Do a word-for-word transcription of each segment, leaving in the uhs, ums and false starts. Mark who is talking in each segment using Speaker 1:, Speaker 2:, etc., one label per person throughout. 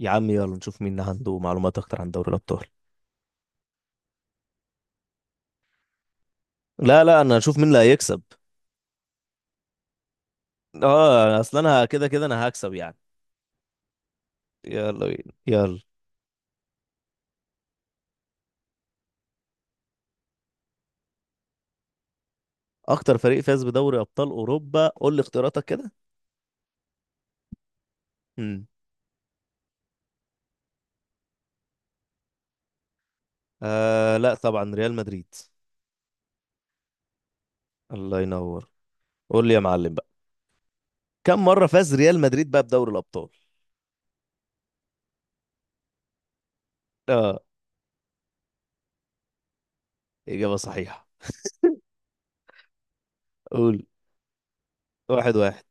Speaker 1: يا عم يلا نشوف مين عنده معلومات اكتر عن دوري الابطال. لا لا انا هشوف مين اللي هيكسب. اه اصل انا كده كده انا هكسب يعني. يلا بينا يلا. اكتر فريق فاز بدوري ابطال اوروبا، قول لي اختياراتك كده. امم آه لا طبعا ريال مدريد. الله ينور. قول لي يا معلم بقى كم مرة فاز ريال مدريد بقى بدوري الابطال؟ اه. اجابة صحيحة. قول. واحد واحد.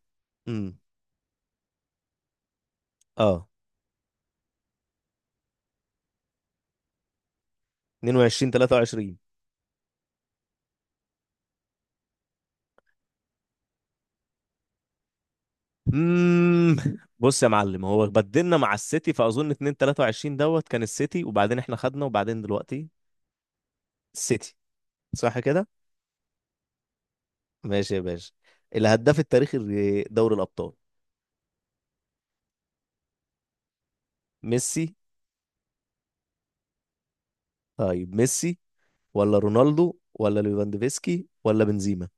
Speaker 1: امم اه. اتنين وعشرين تلاتة وعشرين. امم بص يا معلم، هو بدلنا مع السيتي فاظن اتنين تلاتة وعشرين دوت كان السيتي وبعدين احنا خدنا وبعدين دلوقتي السيتي. صح كده. ماشي يا باشا. الهداف التاريخي لدوري الابطال. ميسي. طيب ميسي ولا رونالدو ولا ليفاندوفسكي ولا بنزيما؟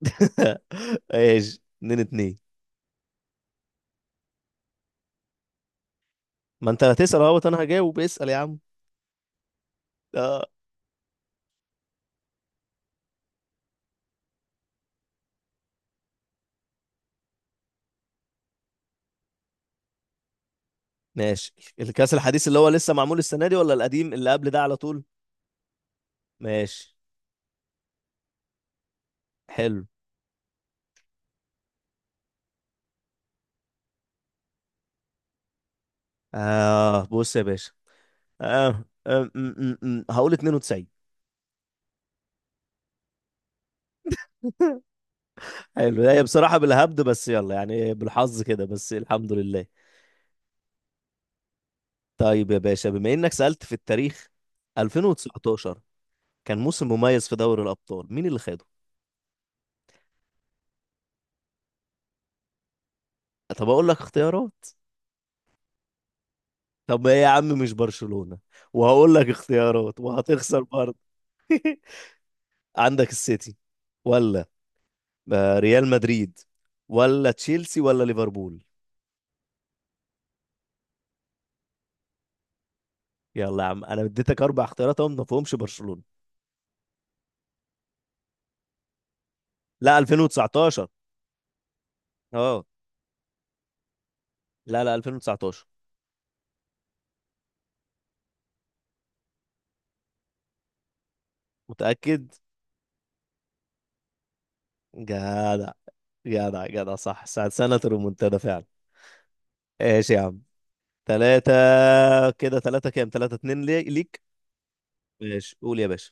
Speaker 1: ايش. اتنين اتنين. ما انت هتسال اهوت انا هجاوب، اسال يا عم. اه. ماشي. الكاس الحديث اللي هو لسه معمول السنه دي ولا القديم اللي قبل ده على طول؟ ماشي. حلو. آه بص يا باشا. آه. آه. م- م- م- هقول تسعين. حلو هي بصراحة بالهبد بس يلا يعني بالحظ كده بس الحمد لله. طيب يا باشا، بما انك سألت في التاريخ، ألفين وتسعتاشر كان موسم مميز في دوري الأبطال مين اللي خده؟ طب اقول لك اختيارات. طب ايه يا عم مش برشلونة؟ وهقول لك اختيارات وهتخسر برضه. عندك السيتي ولا آه، ريال مدريد ولا تشيلسي ولا ليفربول. يلا يا عم انا اديتك اربع اختيارات اهو ما فيهمش برشلونة. لا ألفين وتسعتاشر. اه. لا لا ألفين وتسعتاشر. متأكد. جدع. جدع جدع صح، ساعة سنة الريمونتادا فعلا. ايش يا عم. تلاتة. كده تلاتة كام؟ تلاتة اتنين لي- ليك. ماشي قول يا باشا.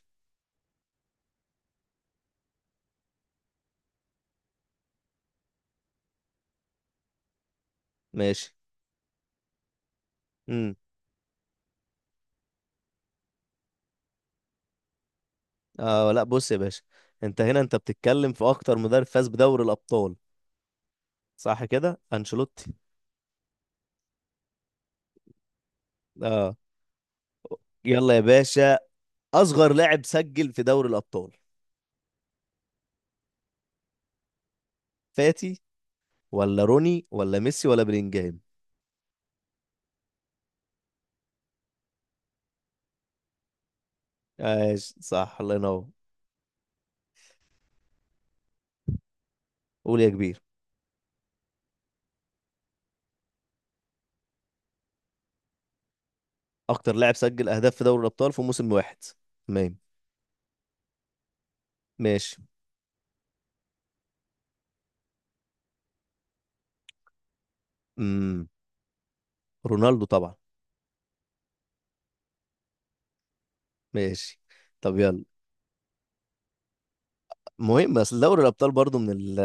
Speaker 1: ماشي. امم اه لا بص يا باشا. انت هنا انت بتتكلم في اكتر مدرب فاز بدوري الابطال. صح كده انشيلوتي. اه. يلا يا باشا. اصغر لاعب سجل في دوري الابطال. فاتي ولا روني ولا ميسي ولا بلينجهام؟ ايش. صح. الله ينور. قول يا كبير. اكتر لاعب سجل اهداف في دوري الابطال في موسم واحد. تمام. ماشي. امم رونالدو طبعا. ماشي. طب يلا. مهم بس دوري الابطال برضو من ال.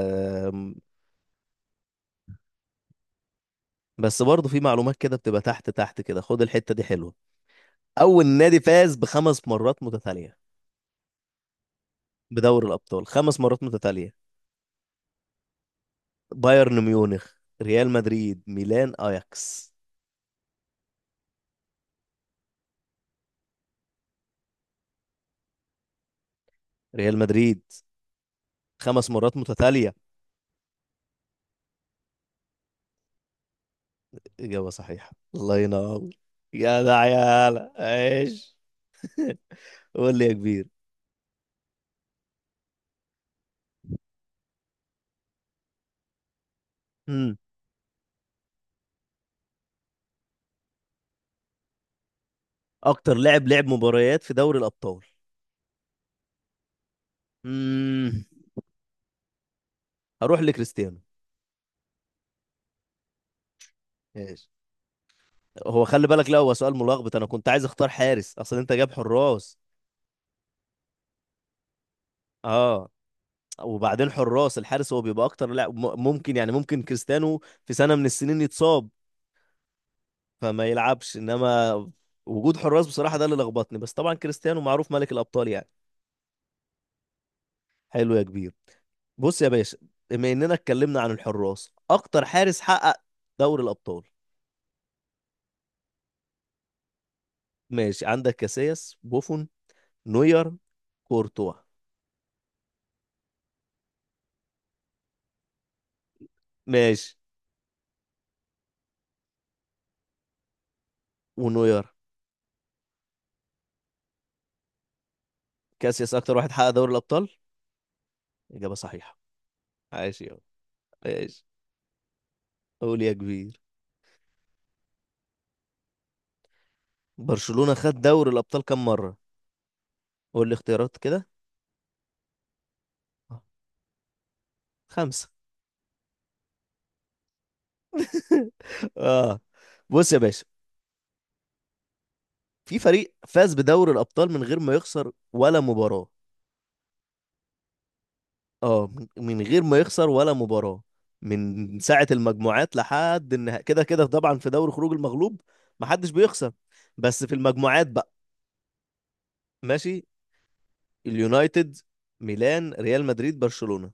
Speaker 1: بس برضو في معلومات كده بتبقى تحت تحت كده، خد الحتة دي حلوة. اول نادي فاز بخمس مرات متتالية. بدوري الابطال خمس مرات متتالية. بايرن ميونخ، ريال مدريد، ميلان، اياكس. ريال مدريد خمس مرات متتالية. إجابة صحيحة. الله ينور. يا ده يا هلا. ايش. قول لي يا كبير. امم اكتر لاعب لعب مباريات في دوري الابطال. امم هروح لكريستيانو. ماشي. هو خلي بالك، لا هو سؤال ملخبط، انا كنت عايز اختار حارس اصل انت جاب حراس. اه. وبعدين حراس، الحارس هو بيبقى اكتر لاعب، م- ممكن يعني ممكن كريستيانو في سنة من السنين يتصاب فما يلعبش. انما وجود حراس بصراحة ده اللي لخبطني بس طبعا كريستيانو معروف ملك الابطال يعني. حلو يا كبير. بص يا باشا. بما اننا اتكلمنا عن الحراس، اكتر حارس حقق دوري الابطال. ماشي. عندك كاسياس، بوفون، نوير، كورتوا. ماشي. ونوير. كاسياس اكتر واحد حقق دوري الابطال. اجابه صحيحه. عايش يا. عايش. قول يا كبير. برشلونه خد دوري الابطال كم مره؟ قول لي اختيارات كده. آه، خمسه. اه بص يا باشا. في فريق فاز بدوري الابطال من غير ما يخسر ولا مباراه. اه. من من غير ما يخسر ولا مباراه. من ساعه المجموعات لحد النهائي، كده كده طبعا في دوري خروج المغلوب محدش بيخسر. بس في المجموعات بقى. ماشي. اليونايتد، ميلان، ريال مدريد، برشلونة.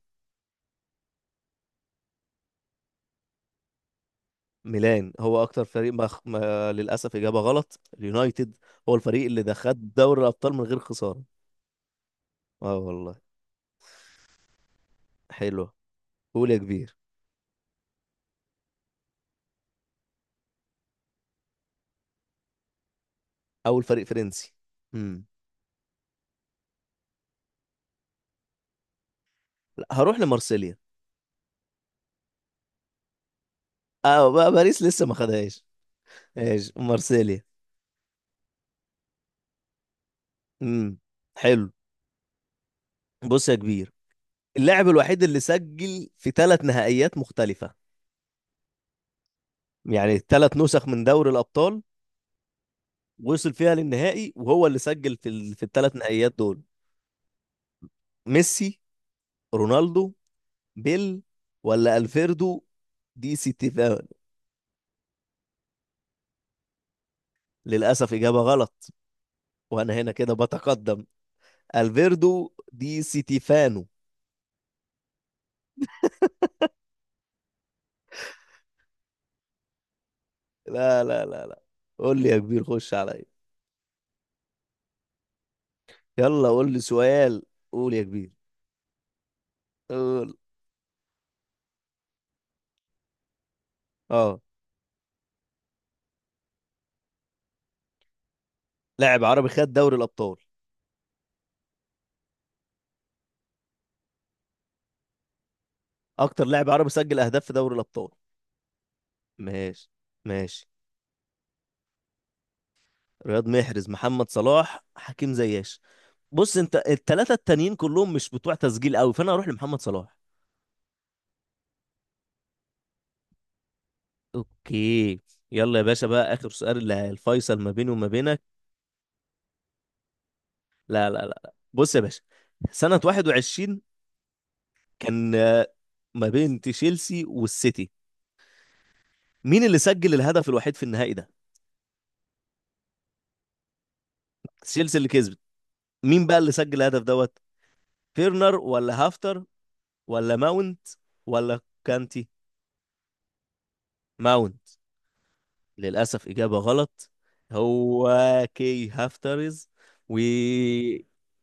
Speaker 1: ميلان هو اكتر فريق ما, ما. للاسف اجابة غلط. اليونايتد هو الفريق اللي ده خد دوري الابطال من غير خسارة. اه والله. حلو. قول يا كبير. اول فريق فرنسي. امم لا، هروح لمارسيليا. اه بقى باريس لسه ما خدهاش. ماشي مارسيليا. امم حلو. بص يا كبير. اللاعب الوحيد اللي سجل في ثلاث نهائيات مختلفة. يعني ثلاث نسخ من دوري الابطال وصل فيها للنهائي وهو اللي سجل في ال... في الثلاث نهائيات دول. ميسي، رونالدو، بيل، ولا الفيردو دي سيتيفان. للاسف اجابه غلط. وانا هنا كده بتقدم. الفيردو دي سيتيفانو. لا لا لا لا. قول لي يا كبير خش عليا. يلا قول لي سؤال. قول يا كبير. قول. اه. لاعب عربي خد دوري الابطال. اكتر لاعب عربي سجل اهداف في دوري الابطال. ماشي. ماشي. رياض محرز، محمد صلاح، حكيم زياش. بص انت الثلاثه التانيين كلهم مش بتوع تسجيل قوي فانا هروح لمحمد صلاح. اوكي. يلا يا باشا بقى اخر سؤال اللي الفيصل ما بيني وما بينك. لا لا لا بص يا باشا. سنه واحد وعشرين كان آه، ما بين تشيلسي والسيتي، مين اللي سجل الهدف الوحيد في النهائي ده؟ تشيلسي اللي كسبت. مين بقى اللي سجل الهدف دوت. فيرنر ولا هافتر ولا ماونت ولا كانتي. ماونت. للأسف إجابة غلط. هو كي هافترز و.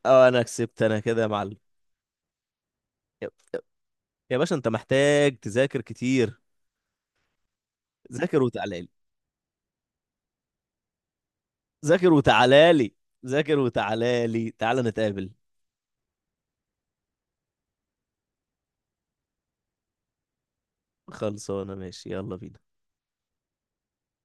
Speaker 1: أه أنا كسبت أنا كده يا معلم. يا. يا باشا أنت محتاج تذاكر كتير. ذاكر وتعالى لي. ذاكر وتعالى لي. ذاكر وتعالى لي تعالى نتقابل. خلصانة ماشي يلا بينا.